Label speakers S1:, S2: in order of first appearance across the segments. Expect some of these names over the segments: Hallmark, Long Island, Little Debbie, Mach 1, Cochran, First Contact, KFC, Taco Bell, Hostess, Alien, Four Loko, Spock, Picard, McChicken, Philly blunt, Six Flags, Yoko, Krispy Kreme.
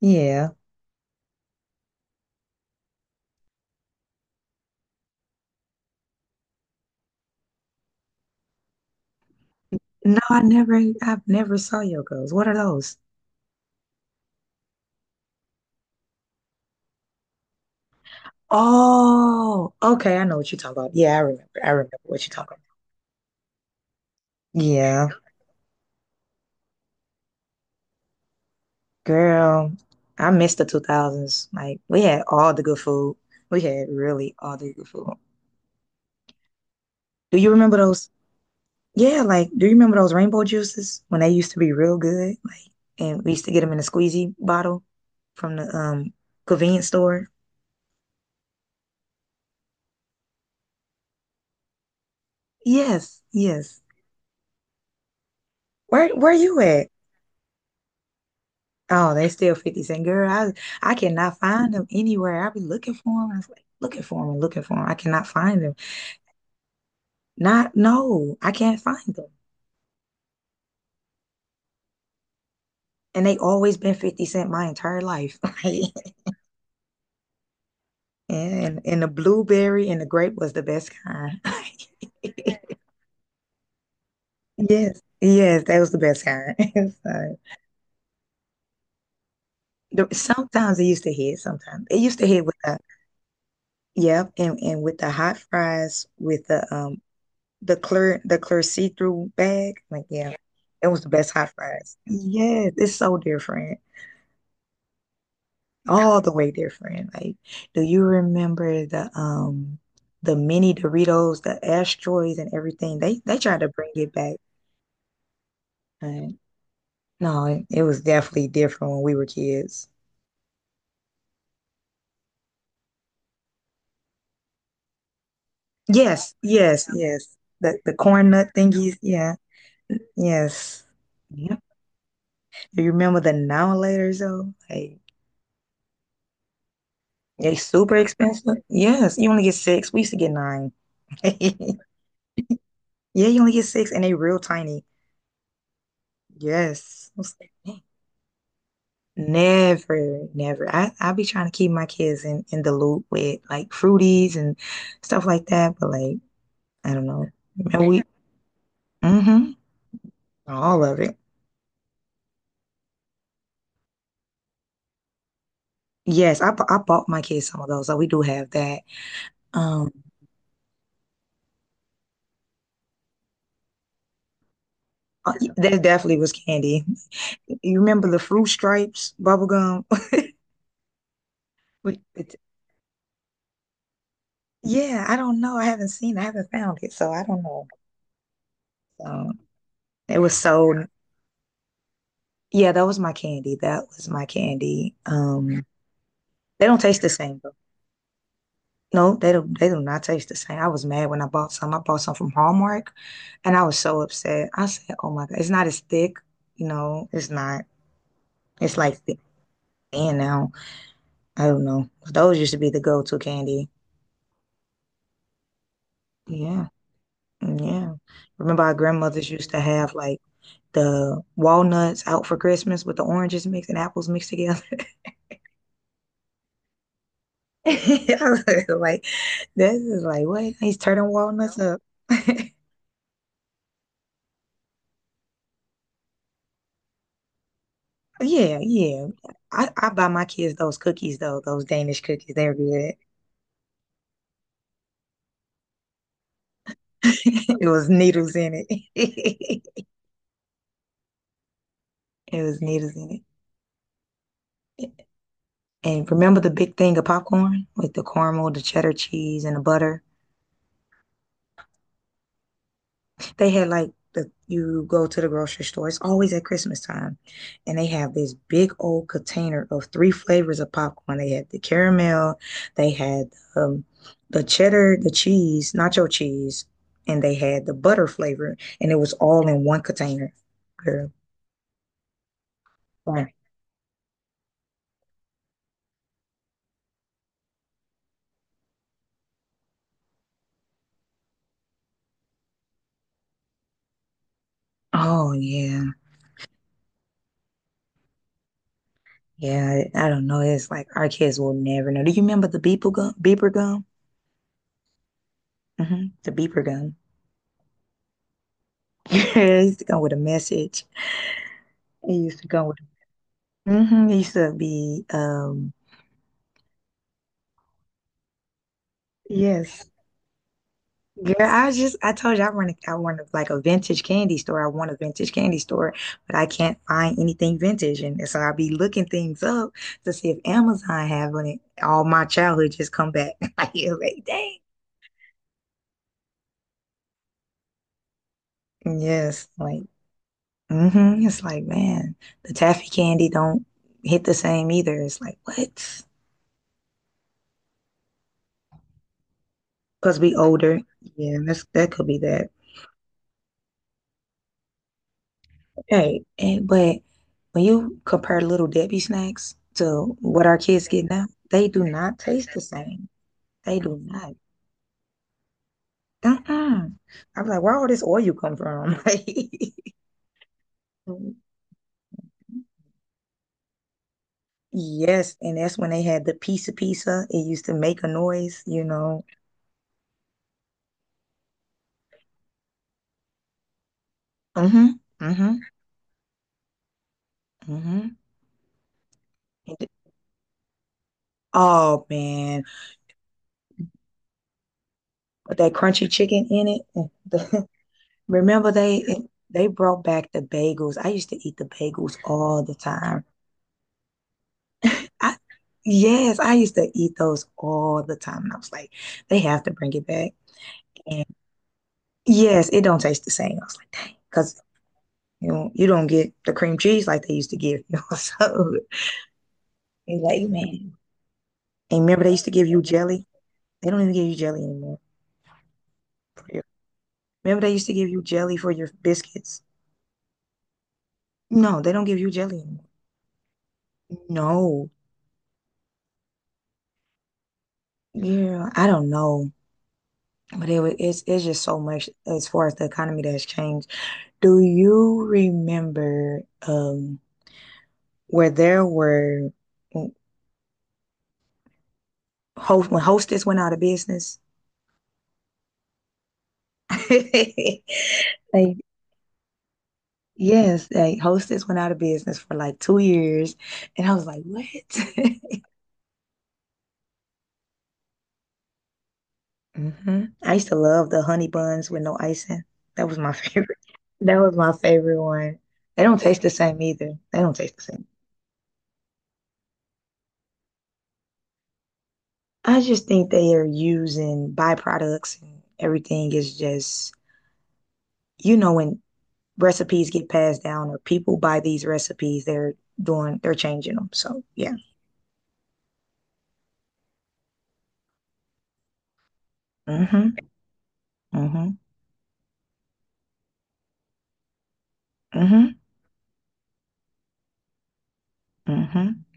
S1: Yeah. No, I never, I've never saw Yokos. What are those? Oh, okay. I know what you're talking about. Yeah, I remember. I remember what you're talking about. Yeah, girl, I miss the 2000s. Like, we had all the good food. We had really all the good food. Do you remember those? Yeah, like, do you remember those rainbow juices when they used to be real good? Like, and we used to get them in a squeezy bottle from the convenience store. Yes, yes. Where you at? Oh, they still 50 Cent. Girl, I cannot find them anywhere. I be looking for them. I was like, looking for them and looking for them. I cannot find them. Not, no, I can't find them. And they always been 50 Cent my entire life. Like, and the blueberry and the grape was the best kind. Yes, yes, that was the best kind. So, sometimes it used to hit. Sometimes it used to hit with the yep, and with the hot fries with the clear see-through bag. Like, yeah, yeah, it was the best hot fries. Yes, it's so different. All the way different. Like, do you remember the mini Doritos, the asteroids and everything? They tried to bring it back. But no, it was definitely different when we were kids. Yes, yes, yes. The corn nut thingies, yeah, yes. Yep. Do you remember the now laters though? Like they super expensive. Yes, you only get six. We used to get nine. Yeah, you only get six and they real tiny. Yes. I was like, "Dang." Never, never. I be trying to keep my kids in the loop with like fruities and stuff like that, but like I don't know. And we mm-hmm, all of it. Yes, I bought my kids some of those, so we do have that. Um there definitely was candy. You remember the fruit stripes bubble gum? Yeah, I don't know. I haven't seen it. I haven't found it, so I don't know. Um, it was so, yeah, that was my candy. That was my candy. They don't taste the same though. No, they don't. They do not taste the same. I was mad when I bought some. I bought some from Hallmark, and I was so upset. I said, "Oh my God, it's not as thick. You know, it's not. It's like thick and now. I don't know. Those used to be the go-to candy. Yeah, yeah. Remember, our grandmothers used to have like the walnuts out for Christmas with the oranges mixed and apples mixed together. I was like, this is like what? He's turning walnuts up. Yeah, yeah. I buy my kids those cookies though, those Danish cookies. They're good. It was needles in it. It was needles in it. And remember the big thing of popcorn with the caramel, the cheddar cheese, and the butter? They had like the you go to the grocery store. It's always at Christmas time, and they have this big old container of three flavors of popcorn. They had the caramel, they had um, the cheddar, the cheese, nacho cheese, and they had the butter flavor, and it was all in one container. Girl, like, oh yeah, yeah. I don't know. It's like our kids will never know. Do you remember the beeper gum? Beeper gum? The beeper gum. It used to come with a message. It used to come with used to be, yes. Girl, I just I told you I want to like a vintage candy store. I want a vintage candy store, but I can't find anything vintage, and so I'll be looking things up to see if Amazon have on it. All my childhood just come back. Like, you like, dang. Yes, like, mm-hmm. It's like, man, the taffy candy don't hit the same either. It's like, what? Because we older. Yeah, that could be that. Right. And but when you compare Little Debbie snacks to what our kids get now, they do not taste the same. They do not. Uh-uh. I'm like, where all this oil come from? Like, yes. And that's when they had the pizza pizza. It used to make a noise, you know. Mm-hmm. Mm-hmm. Mm-hmm. And th- oh man. With that crunchy chicken in it. the- remember they brought back the bagels. I used to eat the bagels all the time. I, yes, I used to eat those all the time. And I was like, they have to bring it back. And yes, it don't taste the same. I was like, dang, because you know, you don't get the cream cheese like they used to give you. So it's like, man. And remember they used to give you jelly? They don't even give you jelly anymore. For real. Remember they used to give you jelly for your biscuits? No, they don't give you jelly anymore. No. Yeah, I don't know. But it's just so much as far as the economy that has changed. Do you remember where there were host when Hostess went out of business? Like yes, like Hostess went out of business for like 2 years, and I was like, what? I used to love the honey buns with no icing. That was my favorite. That was my favorite one. They don't taste the same either. They don't taste the same. I just think they are using byproducts and everything is just, you know, when recipes get passed down or people buy these recipes they're doing they're changing them so yeah mm-hmm mm-hmm mm-hmm mm-hmm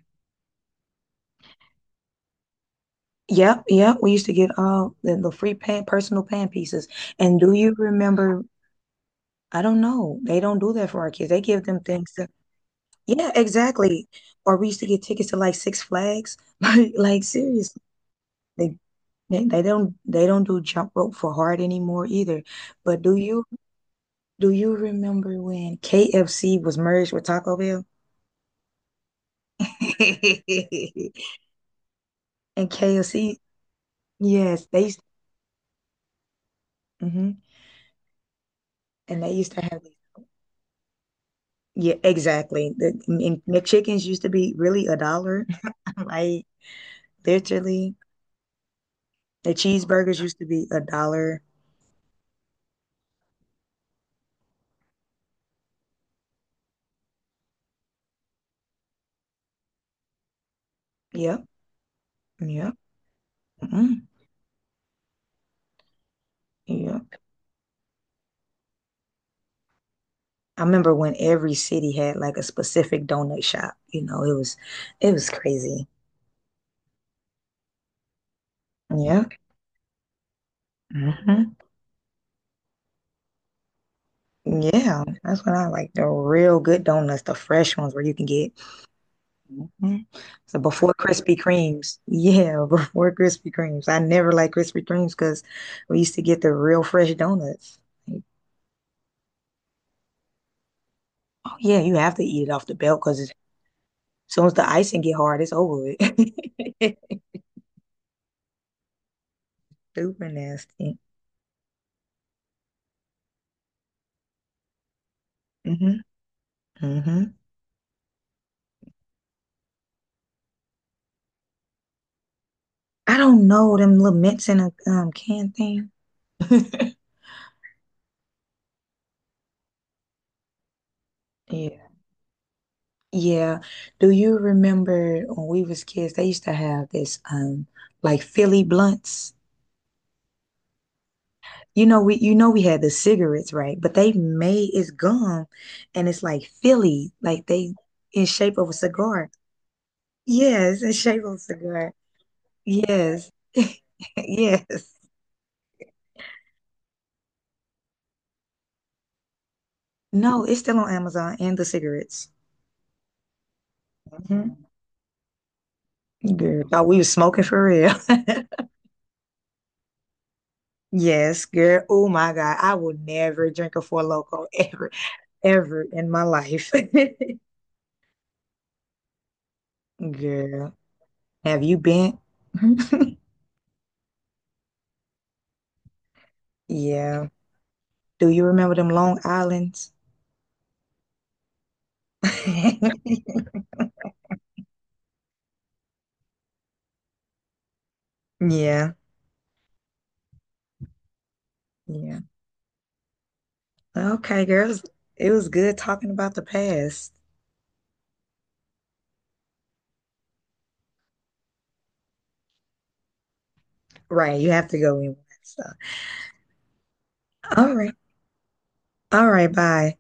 S1: yep yep we used to get the free pan personal pan pieces and do you remember I don't know they don't do that for our kids they give them things to yeah exactly or we used to get tickets to like Six Flags like seriously they, they don't they don't do jump rope for hard anymore either but do you remember when KFC was merged with Taco Bell? And KFC, yes, they used hmm and they used to have these. Yeah, exactly. The and McChickens used to be really a dollar. Like literally, the cheeseburgers used to be a dollar. Yep, yep, mm yep. I remember when every city had like a specific donut shop. You know, it was crazy. Yep. hmm Yeah, that's when I like the real good donuts, the fresh ones where you can get mhm. So before Krispy Kremes, yeah, before Krispy Kremes, I never liked Krispy Kremes because we used to get the real fresh donuts. Like, oh yeah, you have to eat it off the belt because as soon as the icing get hard, it's over with. Super nasty. hmm hmm I don't know them little mints in a can thing. Yeah. Yeah. Do you remember when we was kids, they used to have this like Philly blunts? You know we you know we had the cigarettes right but they made it's gum and it's like Philly like they in shape of a cigar yes in shape of a cigar yes yes no it's still on Amazon and the cigarettes hmm girl thought we was smoking for real. Yes girl, oh my God, I will never drink a Four Loko ever ever in my life. Girl, have you been? Yeah, do you remember them Long Islands? Yeah, yeah. Okay, girls. It was good talking about the past. Right, you have to go in with that stuff. All right. All right, bye.